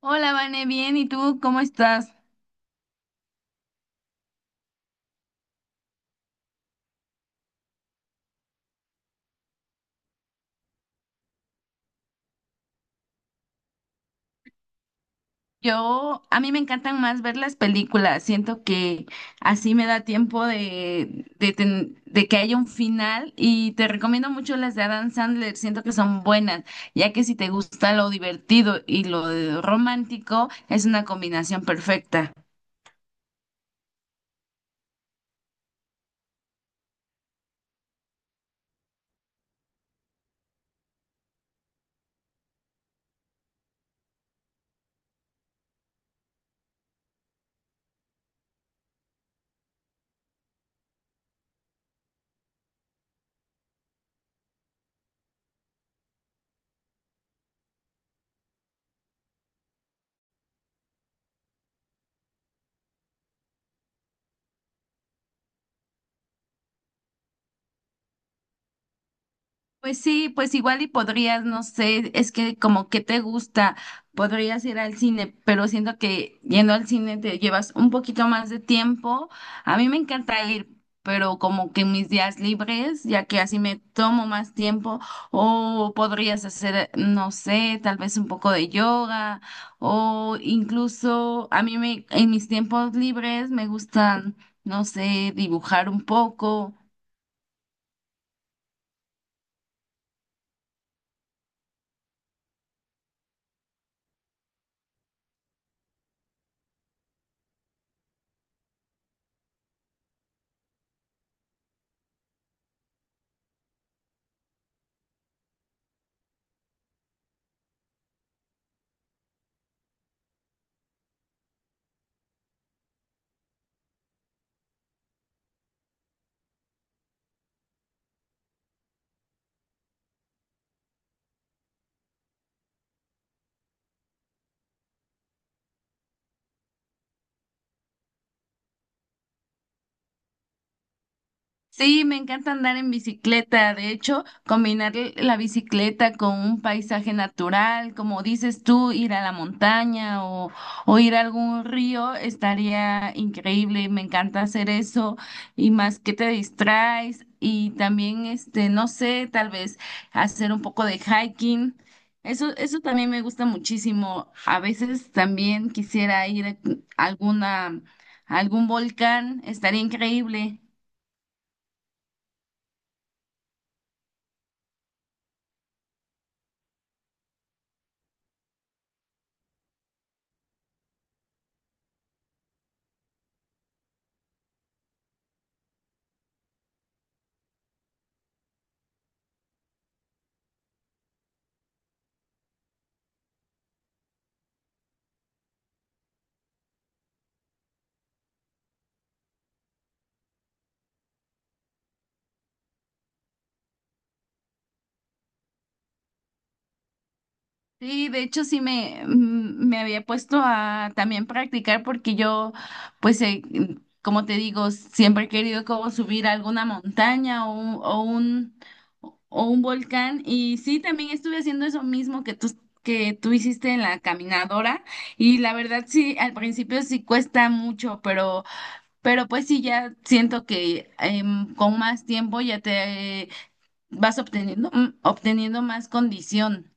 Hola, Vane, bien, ¿y tú cómo estás? A mí me encantan más ver las películas, siento que así me da tiempo de que haya un final y te recomiendo mucho las de Adam Sandler, siento que son buenas, ya que si te gusta lo divertido y lo romántico, es una combinación perfecta. Pues sí, pues igual y podrías, no sé, es que como que te gusta, podrías ir al cine, pero siento que yendo al cine te llevas un poquito más de tiempo. A mí me encanta ir, pero como que en mis días libres, ya que así me tomo más tiempo, o podrías hacer, no sé, tal vez un poco de yoga, o incluso a mí me, en mis tiempos libres me gustan, no sé, dibujar un poco. Sí, me encanta andar en bicicleta. De hecho, combinar la bicicleta con un paisaje natural, como dices tú, ir a la montaña o ir a algún río, estaría increíble. Me encanta hacer eso y más que te distraes y también, este, no sé, tal vez hacer un poco de hiking. Eso también me gusta muchísimo. A veces también quisiera ir a alguna, a algún volcán, estaría increíble. Sí, de hecho sí me, me había puesto a también practicar porque yo, pues, como te digo, siempre he querido como subir a alguna montaña o un volcán. Y sí, también estuve haciendo eso mismo que tú hiciste en la caminadora. Y la verdad sí, al principio sí cuesta mucho, pero pues sí, ya siento que con más tiempo ya te vas obteniendo, obteniendo más condición.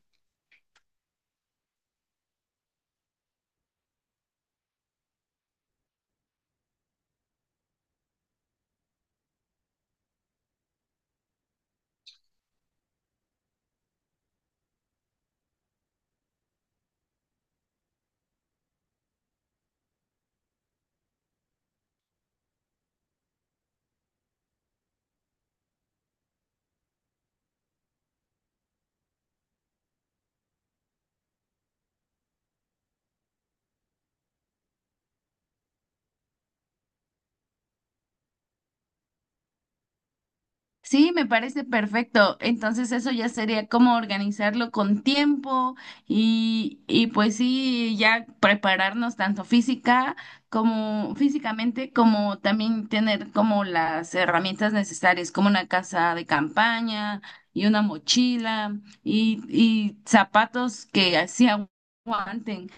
Sí, me parece perfecto. Entonces eso ya sería como organizarlo con tiempo y pues sí, ya prepararnos tanto física como físicamente, como también tener como las herramientas necesarias, como una casa de campaña y una mochila y zapatos que así aguanten.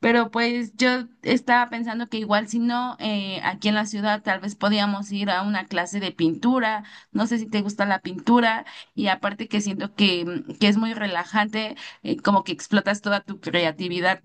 Pero pues yo estaba pensando que igual si no, aquí en la ciudad tal vez podíamos ir a una clase de pintura. No sé si te gusta la pintura y aparte que siento que es muy relajante, como que explotas toda tu creatividad.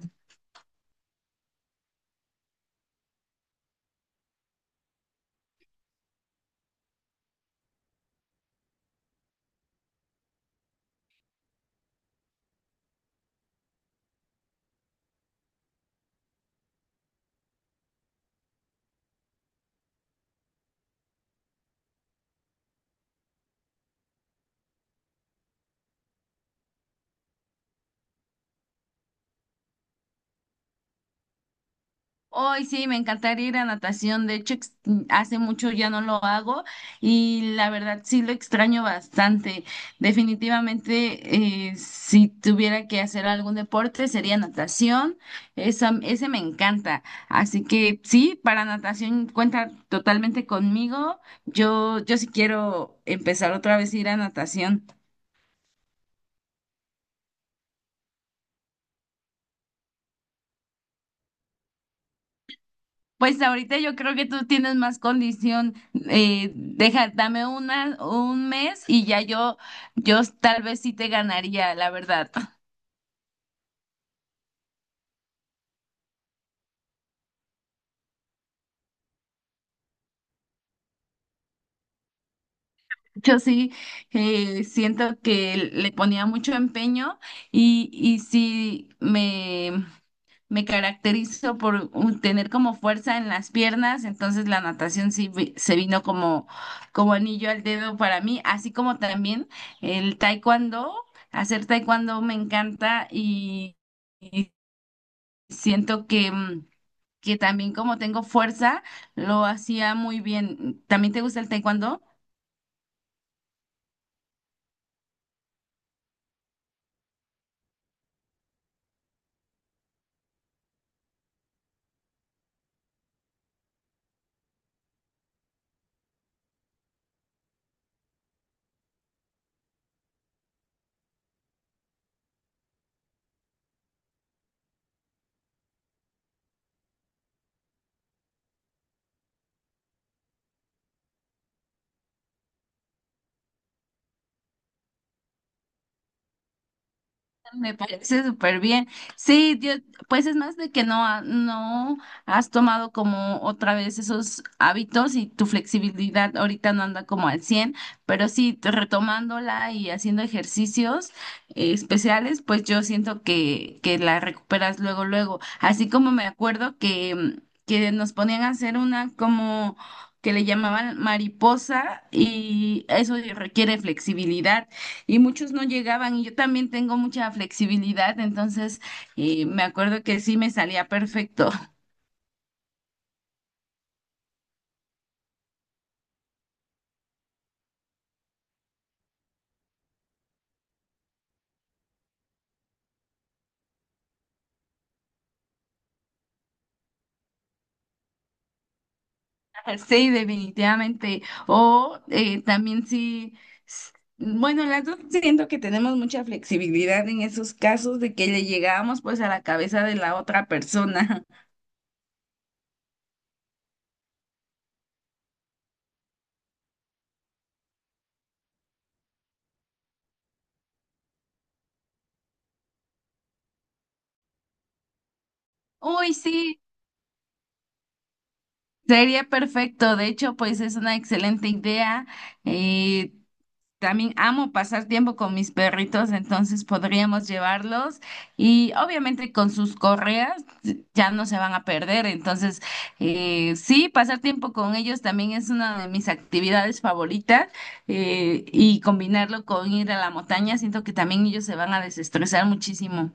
Hoy sí, me encantaría ir a natación. De hecho, hace mucho ya no lo hago y la verdad sí lo extraño bastante. Definitivamente, si tuviera que hacer algún deporte, sería natación. Esa, ese me encanta. Así que sí, para natación cuenta totalmente conmigo. Yo sí quiero empezar otra vez a ir a natación. Pues ahorita yo creo que tú tienes más condición. Dame un mes y ya yo tal vez sí te ganaría, la verdad. Yo sí siento que le ponía mucho empeño y sí me caracterizo por tener como fuerza en las piernas, entonces la natación se vino como, como anillo al dedo para mí, así como también el taekwondo, hacer taekwondo me encanta y siento que, que también como tengo fuerza, lo hacía muy bien. ¿También te gusta el taekwondo? Me parece súper bien. Sí, yo, pues es más de que no, no has tomado como otra vez esos hábitos y tu flexibilidad ahorita no anda como al cien, pero sí, retomándola y haciendo ejercicios especiales, pues yo siento que la recuperas luego, luego. Así como me acuerdo que nos ponían a hacer una como que le llamaban mariposa y eso requiere flexibilidad y muchos no llegaban y yo también tengo mucha flexibilidad, entonces me acuerdo que sí me salía perfecto. Sí, definitivamente, o también sí, s- bueno, las dos siento que tenemos mucha flexibilidad en esos casos de que le llegábamos pues a la cabeza de la otra persona. Uy, sí, sería perfecto, de hecho pues es una excelente idea. eh, También amo pasar tiempo con mis perritos, entonces podríamos llevarlos y obviamente con sus correas ya no se van a perder. Entonces, sí, pasar tiempo con ellos también es una de mis actividades favoritas, y combinarlo con ir a la montaña, siento que también ellos se van a desestresar muchísimo.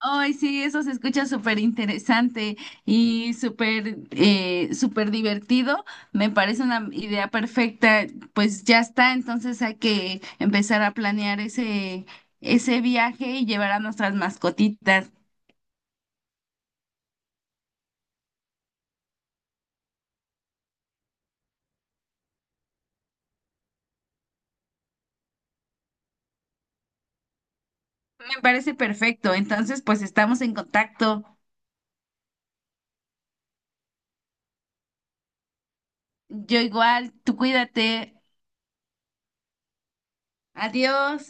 Ay, sí, eso se escucha súper interesante y súper súper divertido. Me parece una idea perfecta. Pues ya está, entonces hay que empezar a planear ese, ese viaje y llevar a nuestras mascotitas. Me parece perfecto. Entonces, pues estamos en contacto. Yo igual, tú cuídate. Adiós.